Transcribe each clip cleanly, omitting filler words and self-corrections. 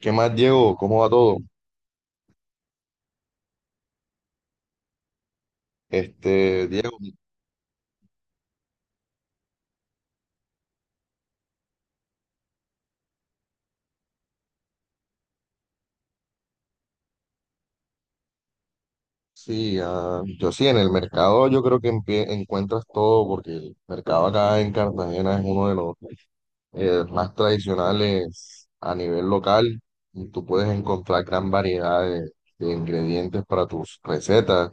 ¿Qué más, Diego? ¿Cómo va todo? Este, Diego, sí, yo sí, en el mercado yo creo que encuentras todo, porque el mercado acá en Cartagena es uno de los más tradicionales a nivel local. Y tú puedes encontrar gran variedad de ingredientes para tus recetas.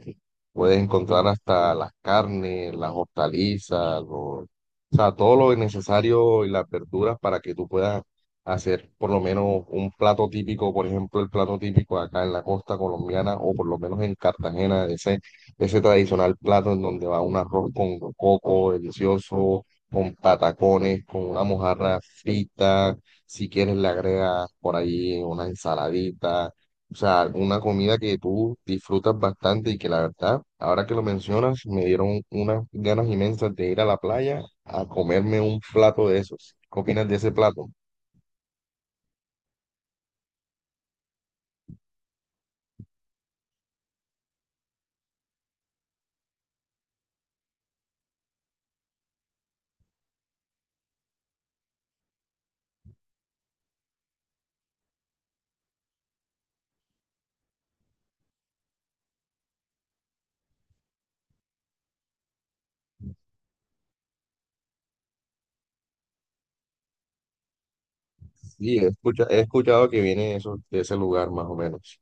Puedes encontrar hasta las carnes, las hortalizas, o sea, todo lo necesario y las verduras para que tú puedas hacer por lo menos un plato típico. Por ejemplo, el plato típico acá en la costa colombiana o por lo menos en Cartagena, ese tradicional plato en donde va un arroz con coco delicioso, con patacones, con una mojarra frita, si quieres le agregas por ahí una ensaladita. O sea, una comida que tú disfrutas bastante y que la verdad, ahora que lo mencionas, me dieron unas ganas inmensas de ir a la playa a comerme un plato de esos. ¿Qué opinas de ese plato? Sí, he escuchado que viene eso, de ese lugar más o menos.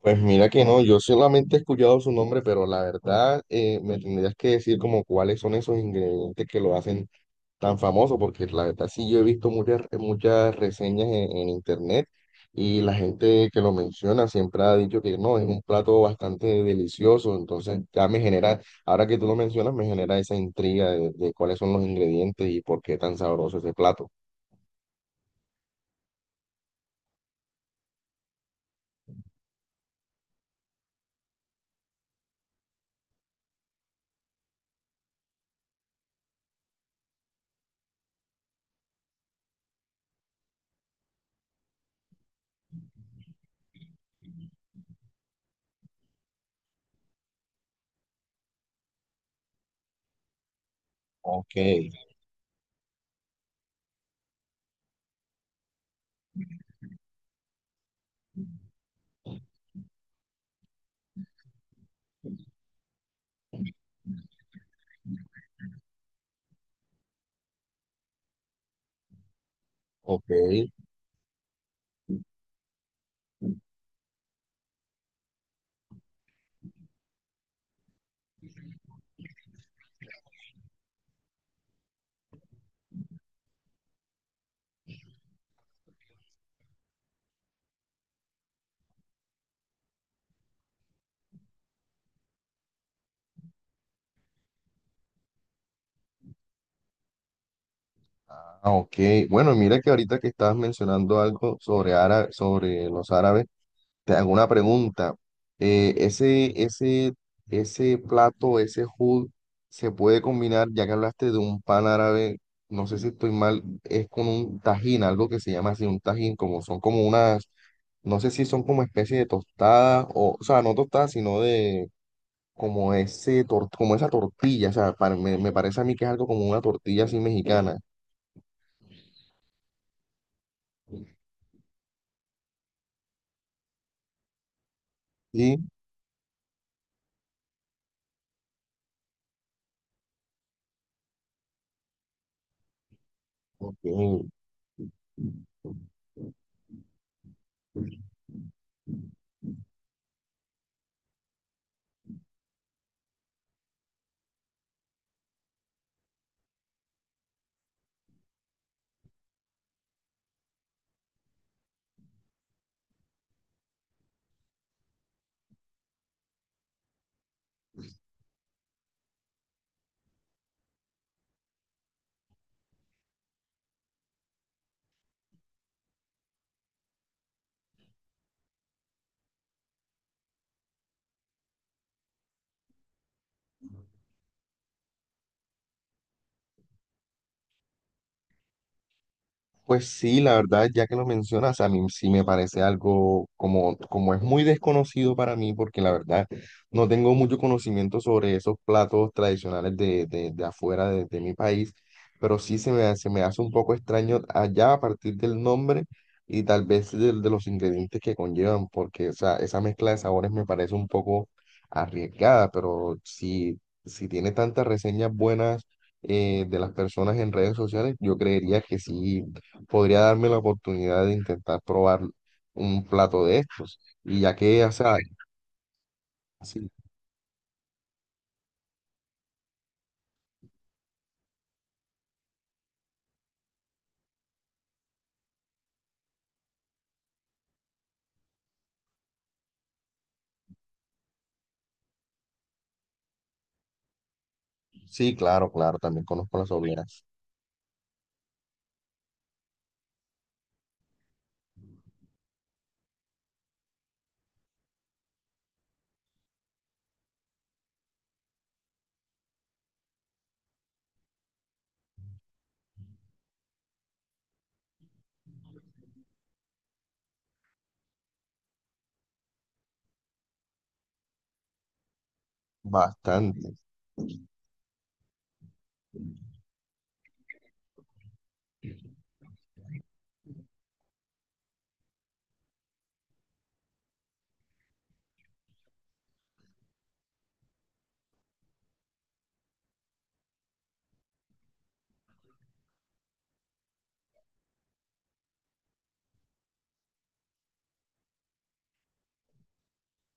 Pues mira que no, yo solamente he escuchado su nombre, pero la verdad me tendrías que decir como cuáles son esos ingredientes que lo hacen tan famoso, porque la verdad sí yo he visto muchas reseñas en internet, y la gente que lo menciona siempre ha dicho que no, es un plato bastante delicioso, entonces ya me genera, ahora que tú lo mencionas, me genera esa intriga de cuáles son los ingredientes y por qué tan sabroso ese plato. Ok, ok. Ah, ok. Bueno, mira que ahorita que estabas mencionando algo sobre, sobre los árabes. Te hago una pregunta. Ese ese, plato, ese hood, se puede combinar, ya que hablaste de un pan árabe, no sé si estoy mal, es con un tajín, algo que se llama así, un tajín, como son como unas, no sé si son como especie de tostadas, o sea, no tostadas, sino de como como esa tortilla. O sea, me parece a mí que es algo como una tortilla así mexicana. Sí, ok. Pues sí, la verdad, ya que lo mencionas, a mí sí me parece algo como, como es muy desconocido para mí, porque la verdad no tengo mucho conocimiento sobre esos platos tradicionales de afuera de mi país, pero sí se me hace un poco extraño allá a partir del nombre y tal vez de los ingredientes que conllevan, porque o sea, esa mezcla de sabores me parece un poco arriesgada. Pero si, si tiene tantas reseñas buenas de las personas en redes sociales, yo creería que sí podría darme la oportunidad de intentar probar un plato de estos. Y ya que, o sea, sí, sí, claro, claro, también conozco las obleas bastante.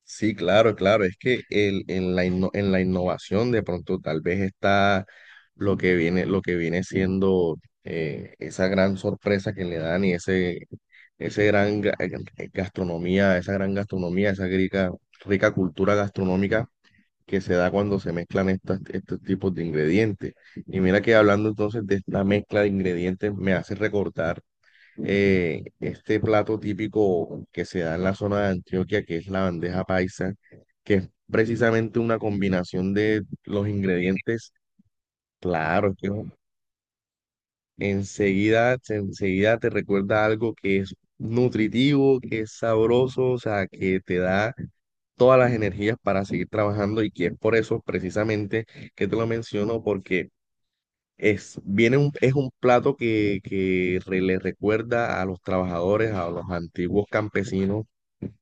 Sí, claro, claro, es que el, en la en la innovación de pronto tal vez está lo que viene siendo esa gran sorpresa que le dan y ese gran gastronomía, esa gran gastronomía, esa rica cultura gastronómica que se da cuando se mezclan estos tipos de ingredientes. Y mira que hablando entonces de esta mezcla de ingredientes, me hace recordar este plato típico que se da en la zona de Antioquia, que es la bandeja paisa, que es precisamente una combinación de los ingredientes. Claro, es que enseguida, enseguida te recuerda algo que es nutritivo, que es sabroso, o sea, que te da todas las energías para seguir trabajando, y que es por eso precisamente que te lo menciono porque es, viene un, es un plato que, le recuerda a los trabajadores, a los antiguos campesinos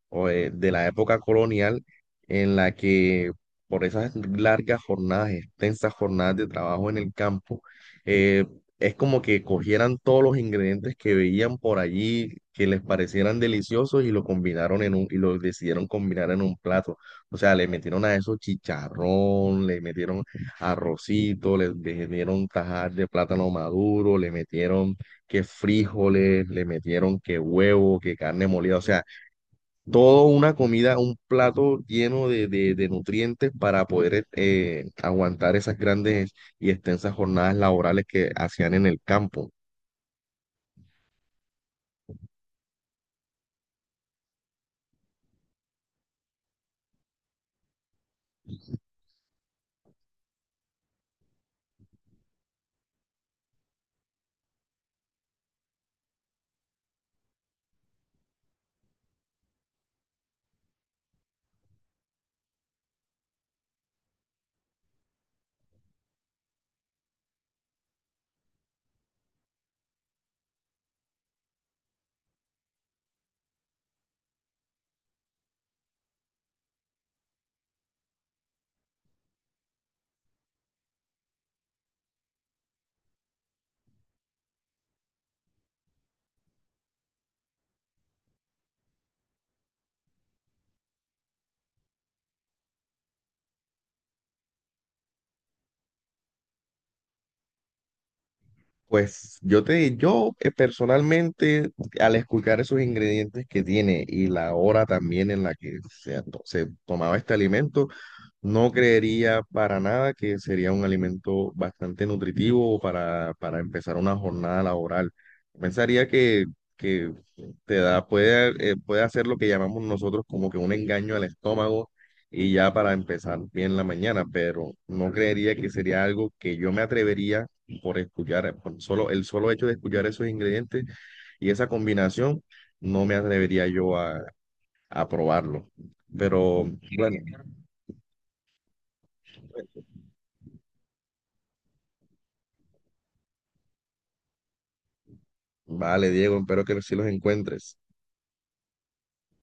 o, de la época colonial en la que por esas largas jornadas, extensas jornadas de trabajo en el campo, eh, es como que cogieran todos los ingredientes que veían por allí, que les parecieran deliciosos y lo combinaron en un, y lo decidieron combinar en un plato. O sea, le metieron a eso chicharrón, le metieron arrocito, le metieron tajar de plátano maduro, le metieron que frijoles, le metieron que huevo, que carne molida. O sea, todo una comida, un plato lleno de nutrientes para poder aguantar esas grandes y extensas jornadas laborales que hacían en el campo. Pues yo te, yo personalmente, al escuchar esos ingredientes que tiene y la hora también en la que se tomaba este alimento, no creería para nada que sería un alimento bastante nutritivo para empezar una jornada laboral. Pensaría que te da, puede, puede hacer lo que llamamos nosotros como que un engaño al estómago y ya para empezar bien la mañana, pero no creería que sería algo que yo me atrevería por escuchar, por solo, el solo hecho de escuchar esos ingredientes y esa combinación, no me atrevería yo a probarlo. Pero bueno. Vale, Diego, espero que sí los encuentres.